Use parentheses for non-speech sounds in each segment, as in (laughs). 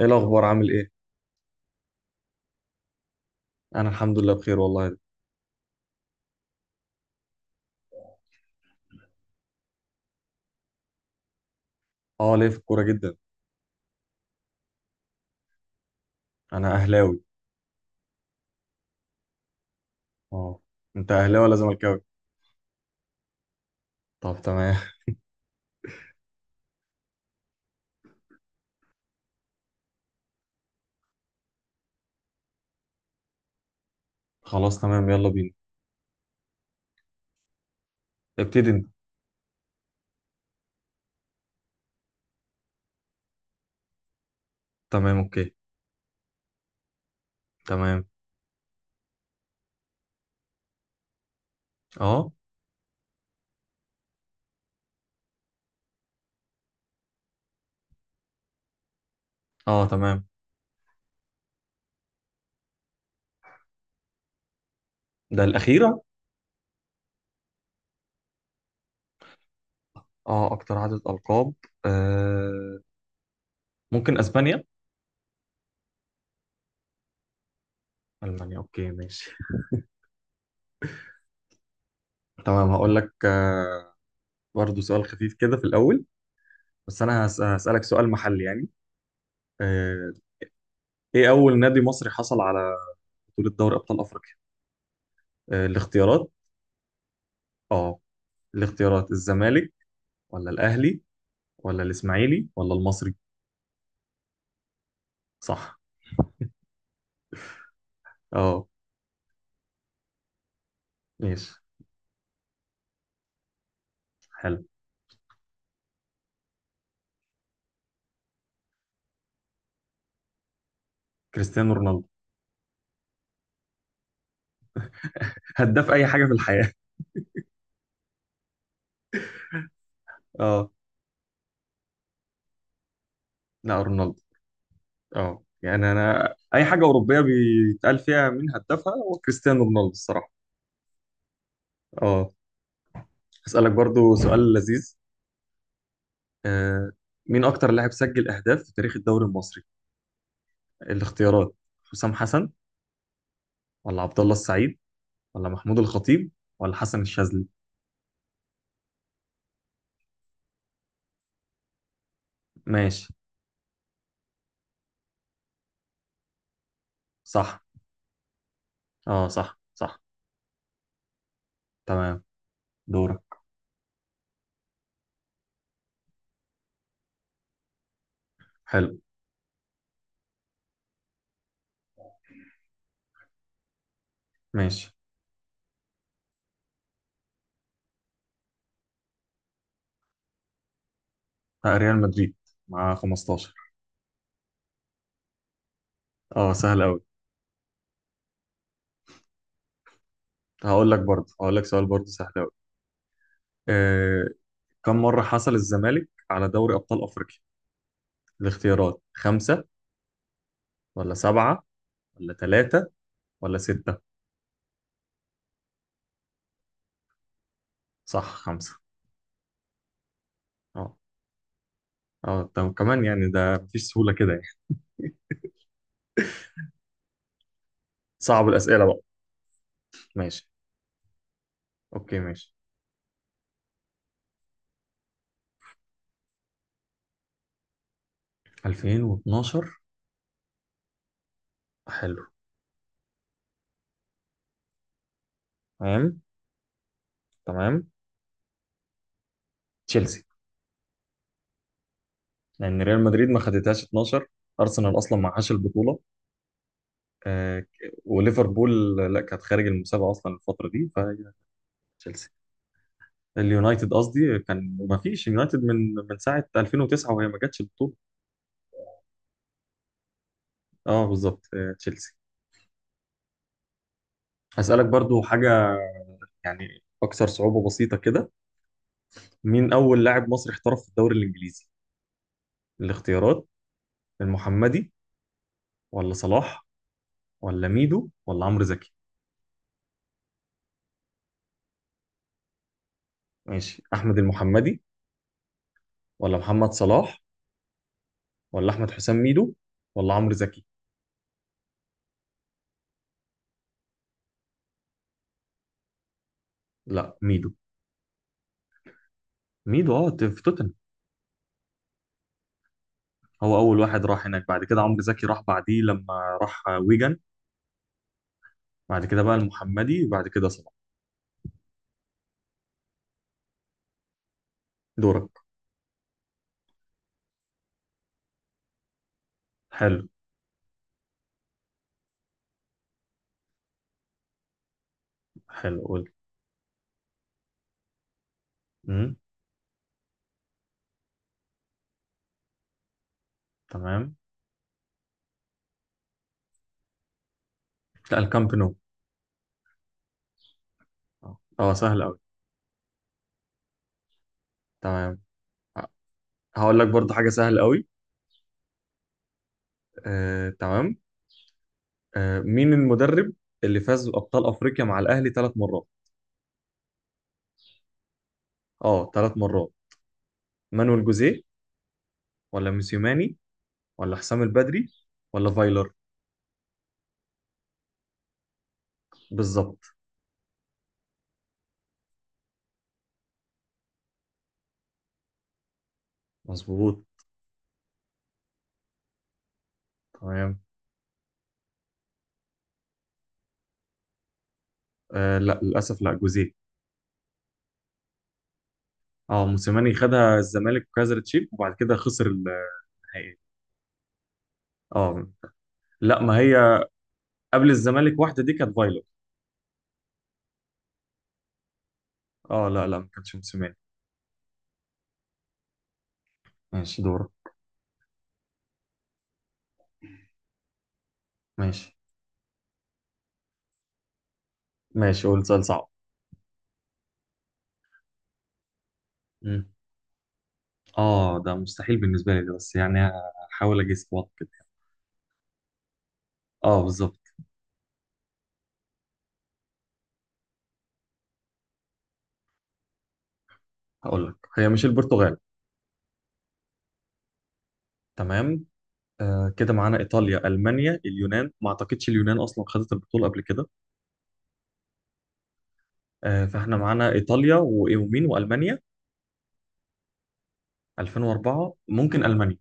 ايه الاخبار؟ عامل ايه؟ انا الحمد لله بخير والله. اه، ليه في الكوره جدا. انا اهلاوي. اه. انت اهلاوي ولا زملكاوي؟ طب تمام. (laughs) خلاص تمام، يلا بينا. ابتدي انت. تمام اوكي. تمام. اه اه. تمام. ده الاخيره؟ اه، اكتر عدد القاب. آه. ممكن اسبانيا. المانيا اوكي ماشي. تمام، هقول لك. برضه سؤال خفيف كده في الاول، بس انا هسالك سؤال محلي يعني. آه. ايه اول نادي مصري حصل على بطوله دوري ابطال افريقيا؟ الاختيارات: اه، الاختيارات: الزمالك ولا الاهلي ولا الاسماعيلي ولا المصري؟ صح. اه. ماشي. حلو. كريستيانو رونالدو. هداف اي حاجه في الحياه. (laughs) اه. لا، رونالدو. اه، يعني انا اي حاجه اوروبيه بيتقال فيها مين هدافها هو كريستيانو رونالدو الصراحه. اه. اسالك برضو سؤال لذيذ. آه. مين اكتر لاعب سجل اهداف في تاريخ الدوري المصري؟ الاختيارات: حسام حسن ولا عبد الله السعيد ولا محمود الخطيب ولا حسن الشاذلي؟ ماشي. صح. اه صح صح. تمام. دورك. حلو. ماشي. ريال مدريد، مع 15. اه، سهل قوي. هقول لك سؤال برضه سهل قوي. آه كم مرة حصل الزمالك على دوري أبطال أفريقيا؟ الاختيارات: خمسة ولا سبعة ولا ثلاثة ولا ستة؟ صح، خمسة. اه. اه، طب كمان يعني ده مفيش سهولة كده يعني. صعب الأسئلة بقى. ماشي اوكي ماشي. 2012. حلو. تمام تمام. تشيلسي. لأن ريال مدريد ما خدتهاش 12. أرسنال أصلا ما معهاش البطولة. آه، ك- وليفربول لا، كانت خارج المسابقه اصلا الفتره دي فهي. تشيلسي. اليونايتد قصدي، كان ما فيش يونايتد من ساعه 2009 وهي ما جاتش البطوله. اه بالظبط. تشيلسي. هسالك برضو حاجه، يعني اكثر صعوبه بسيطه كده. مين اول لاعب مصري احترف في الدوري الانجليزي؟ الاختيارات: المحمدي ولا صلاح ولا ميدو ولا عمرو زكي؟ ماشي. احمد المحمدي ولا محمد صلاح ولا احمد حسام ميدو ولا عمرو زكي؟ لا، ميدو. ميدو، اه، في توتنهام. هو اول واحد راح هناك، بعد كده عمرو زكي راح بعديه لما راح ويجن. بعد كده بقى المحمدي وبعد كده صلاح. دورك. حلو. حلو قول. امم تمام. لا، الكامب نو. اه. سهل قوي. تمام. ه- هقول لك برضه حاجه سهل قوي. تمام. مين المدرب اللي فاز بابطال افريقيا مع الاهلي ثلاث مرات؟ اه، ثلاث مرات. مانويل جوزيه ولا موسيماني ولا حسام البدري ولا فايلر؟ بالظبط. مظبوط. تمام. لا للاسف، لا، جوزيه. اه، موسيماني خدها الزمالك وكسرت تشيب وبعد كده خسر النهائي. اه. لا ما هي، قبل الزمالك واحده دي كانت فايلر. اه لا لا، ما كانتش موسيماني. ماشي، دورك. ماشي. ماشي قول سؤال صعب. مم. اه، ده مستحيل بالنسبه لي ده بس يعني، هحاول اجيس بوقت كده. اه بالظبط. هقول لك هي مش البرتغال. تمام. كده معانا ايطاليا المانيا اليونان، ما اعتقدش اليونان اصلا خدت البطوله قبل كده. فاحنا معانا ايطاليا ومين، والمانيا. 2004 ممكن المانيا.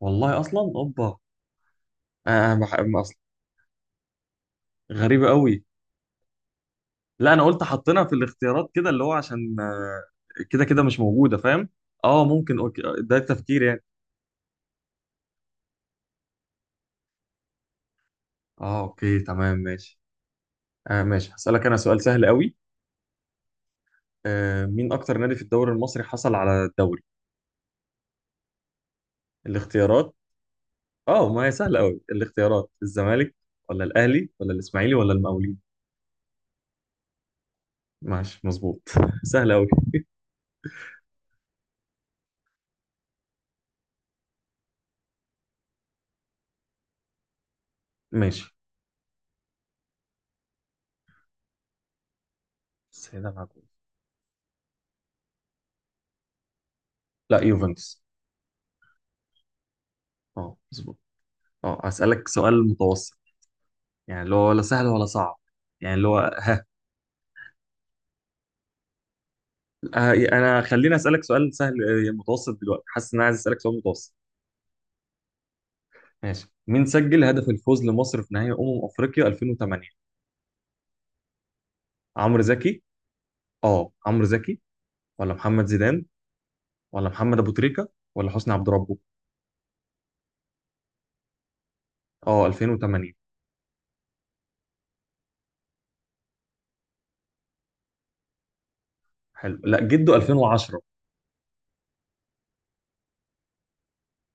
والله اصلا اوبا. انا أصلا. غريبه قوي. لا انا قلت حطينا في الاختيارات كده اللي هو عشان، كده كده مش موجوده، فاهم؟ اه ممكن اوكي، ده التفكير يعني. اه اوكي تمام ماشي. ماشي، هسألك انا سؤال سهل قوي. مين اكتر نادي في الدوري المصري حصل على الدوري؟ الاختيارات. اه، ما هي سهله قوي، الاختيارات: الزمالك ولا الاهلي ولا الاسماعيلي ولا المقاولين؟ ماشي مظبوط. (laughs) سهله قوي. ماشي. السيدة معكوس. لا، يوفنتوس. اه مظبوط. اه، هسألك سؤال متوسط، يعني اللي هو ولا سهل ولا صعب، يعني اللي هو، انا خليني اسالك سؤال سهل، متوسط دلوقتي، حاسس ان انا عايز اسالك سؤال متوسط. ماشي، مين سجل هدف الفوز لمصر في نهائي افريقيا 2008؟ عمرو زكي. اه، عمرو زكي ولا محمد زيدان ولا محمد ابو تريكه ولا حسني عبد ربه؟ اه، 2008. حلو، لا، جده 2010.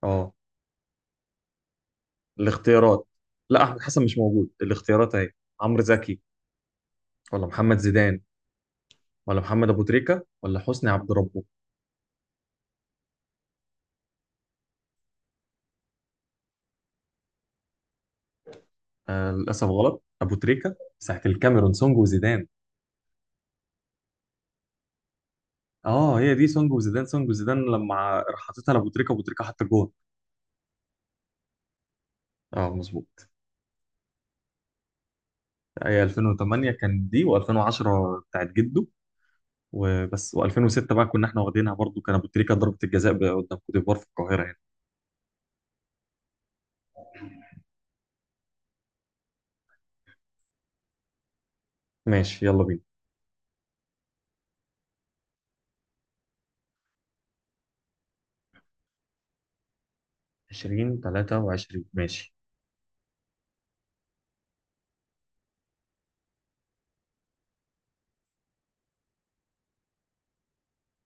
اه. الاختيارات: لا، احمد حسن مش موجود، الاختيارات اهي: عمرو زكي ولا محمد زيدان ولا محمد ابو تريكه ولا حسني عبد ربه؟ للاسف غلط، ابو تريكه ساعه الكاميرون، سونج وزيدان. اه، هي دي سونج وزيدان، سونج وزيدان لما راح حاططها لابو تريكه، ابو تريكه حط الجون. اه مظبوط. هي 2008 كان دي، و2010 بتاعت جده وبس، و2006 بقى كنا احنا واخدينها برضو، كان ابو تريكه ضربه الجزاء قدام كوت ديفوار في القاهره يعني. ماشي، يلا بينا. 20 23 ماشي.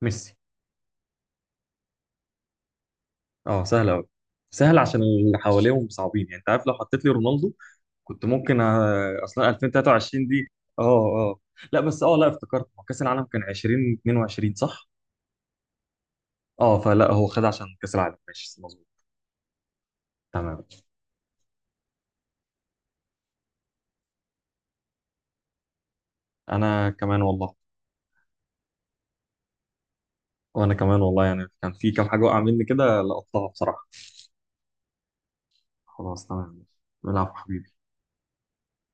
ميسي. اه، سهل قوي. سهل عشان اللي حواليهم صعبين، يعني انت عارف لو حطيت لي رونالدو، كنت ممكن، اصلا 2023 دي. اه. لا بس اه، لا، افتكرت هو كاس العالم كان 2022 صح؟ اه فلا، هو خد عشان كاس العالم. ماشي مظبوط. تمام. انا كمان والله. وانا كمان والله، يعني كان في كام حاجه وقع مني كده لقطتها بصراحه. خلاص تمام. العفو حبيبي.